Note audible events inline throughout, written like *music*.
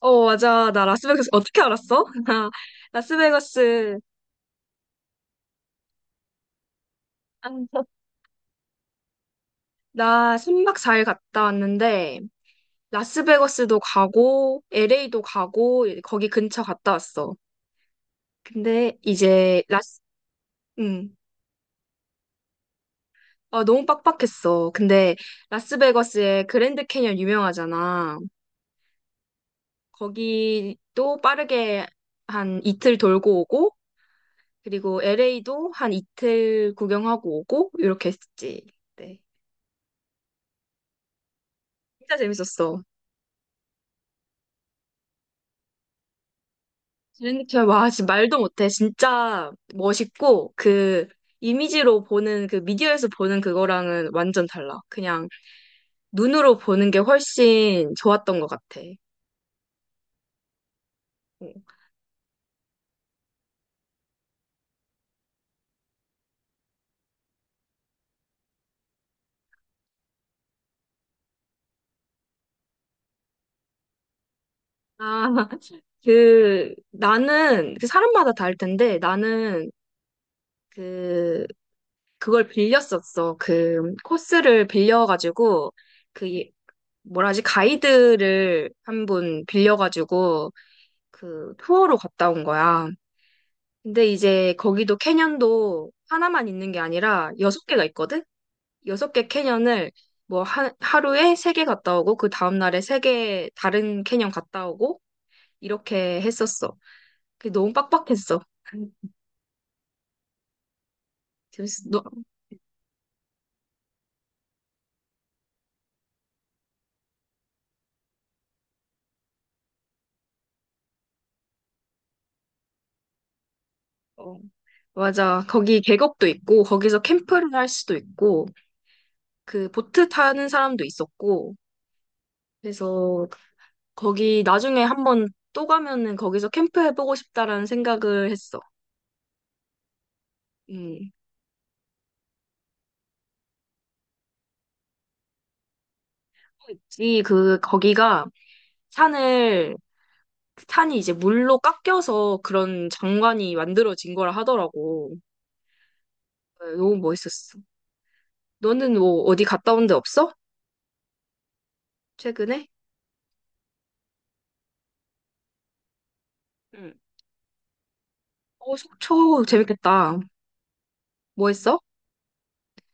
어, 맞아. 나 라스베가스 어떻게 알았어? *laughs* 나 라스베가스 나순박 4일 갔다 왔는데, 라스베가스도 가고 LA도 가고 거기 근처 갔다 왔어. 근데 이제 라스 음. 아, 너무 빡빡했어. 근데 라스베거스의 그랜드 캐니언 유명하잖아. 거기도 빠르게 한 이틀 돌고 오고, 그리고 LA도 한 이틀 구경하고 오고 이렇게 했지. 네. 진짜 재밌었어. 제니와 진짜 말도 못해. 진짜 멋있고, 그 이미지로 보는, 그 미디어에서 보는 그거랑은 완전 달라. 그냥 눈으로 보는 게 훨씬 좋았던 것 같아. 응. 아, *laughs* 그 나는, 그 사람마다 다를 텐데, 나는 그 그걸 빌렸었어. 그 코스를 빌려가지고, 그 뭐라지, 가이드를 한 분 빌려가지고 그 투어로 갔다 온 거야. 근데 이제 거기도, 캐년도 하나만 있는 게 아니라 6개가 있거든? 6개 캐년을, 뭐 하루에 3개 갔다 오고, 그 다음 날에 3개 다른 캐년 갔다 오고 이렇게 했었어. 그게 너무 빡빡했어. *laughs* 재밌어. 너, 어, 맞아. 거기 계곡도 있고, 거기서 캠프를 할 수도 있고, 그 보트 타는 사람도 있었고, 그래서 거기 나중에 한번 또 가면은 거기서 캠프 해보고 싶다라는 생각을 했어. 음. 있지. 그 거기가, 산을 산이 이제 물로 깎여서 그런 장관이 만들어진 거라 하더라고. 네, 너무 멋있었어. 너는 뭐 어디 갔다 온데 없어? 최근에? 응. 어, 속초 재밌겠다. 뭐 했어?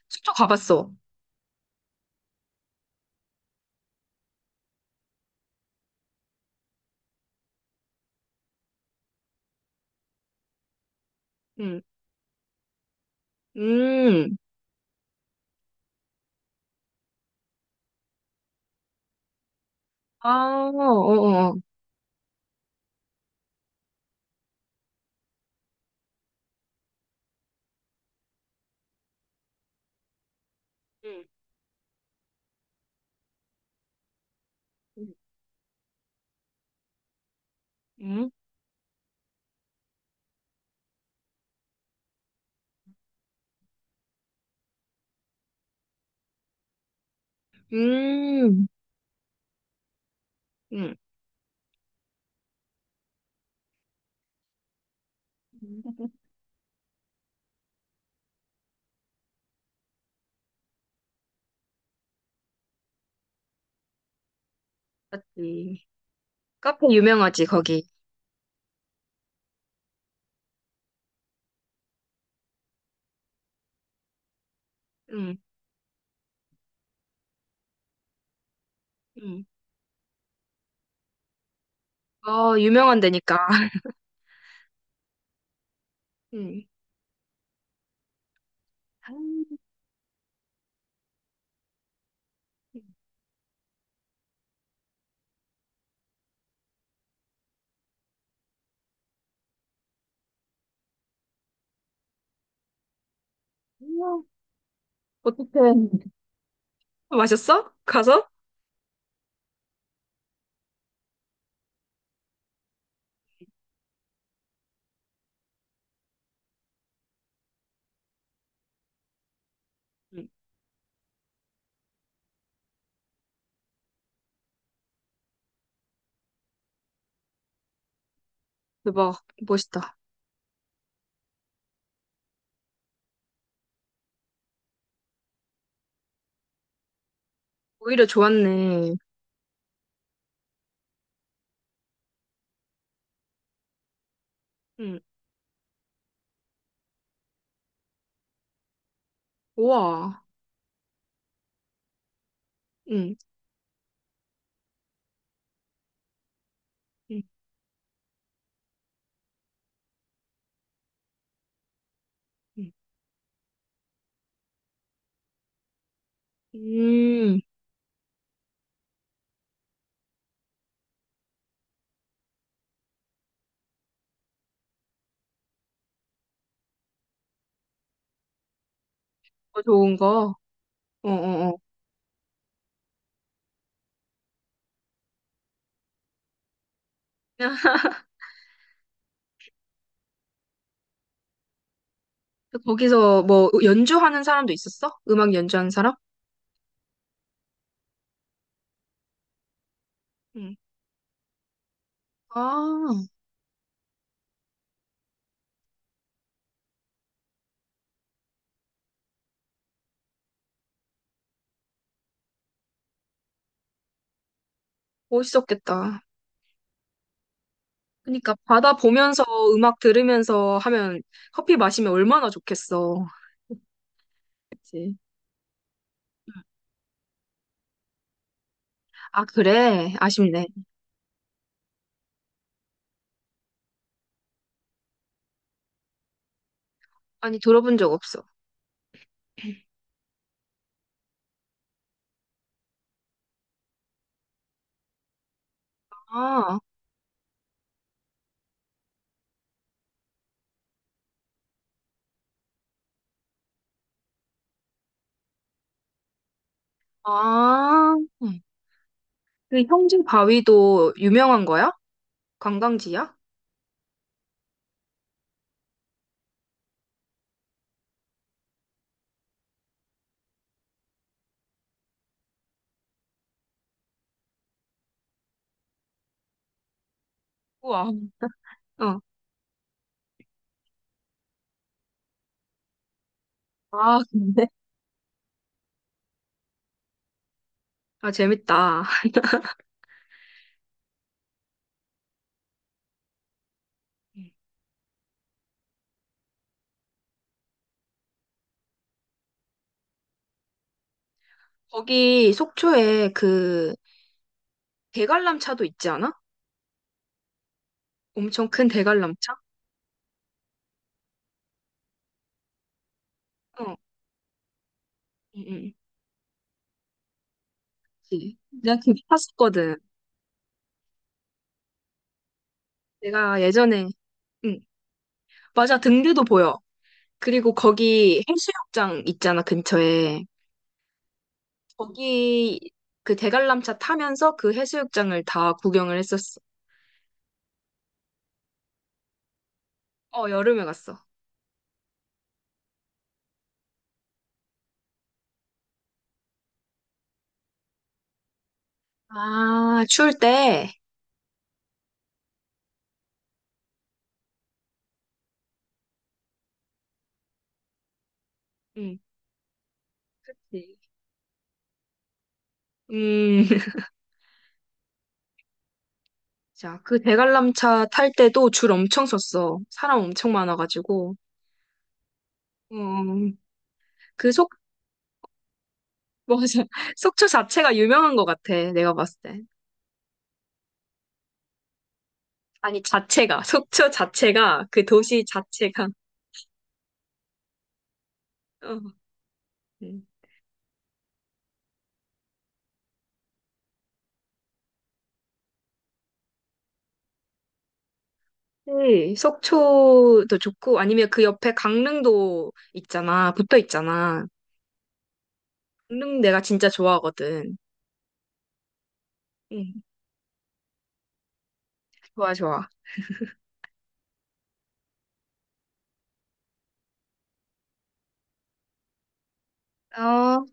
속초 가봤어. 응. 음. 아, 어어. 어. 응. 응. 음. 음. 응. 음. 맞지. 카페 유명하지, 거기. 응. 응. 어, 유명한 데니까. *laughs* 응. 음. 어떡해. 마셨어? 가서? 응, 대박. 멋있다. 오히려 좋았네. 응, 우와. 응. 응, 응. 음, 더 좋은 거. 어, 어, 어. 야, 거기서 뭐 연주하는 사람도 있었어? 음악 연주하는 사람? 응. 아, 멋있었겠다. 그러니까 바다 보면서 음악 들으면서 하면, 커피 마시면 얼마나 좋겠어. 그치? 아, 그래? 아쉽네. 아니, 들어본 적 없어. 아, 아. 응. 그 형진 바위도 유명한 거야? 관광지야? 우와. 어. 아, 근데? 아, 재밌다. *laughs* 거기 속초에 그 대관람차도 있지 않아? 엄청 큰 대관람차? 어, 응, 응. 그치. 내가 거기 탔었거든. 내가 예전에, 응, 맞아, 등대도 보여. 그리고 거기 해수욕장 있잖아, 근처에. 거기 그 대관람차 타면서 그 해수욕장을 다 구경을 했었어. 어, 여름에 갔어. 아, 추울 때. 응. 네. 음, *laughs* 자, 그 대관람차 탈 때도 줄 엄청 섰어. 사람 엄청 많아가지고. 음, 그 속, 맞아. *laughs* 속초 자체가 유명한 것 같아. 내가 봤을 때. 아니, 자체가. *laughs* 속초 자체가, 그 도시 자체가. 어, 음. 네, 속초도 좋고, 아니면 그 옆에 강릉도 있잖아. 붙어 있잖아. 강릉 내가 진짜 좋아하거든. 응, 좋아, 좋아. 어,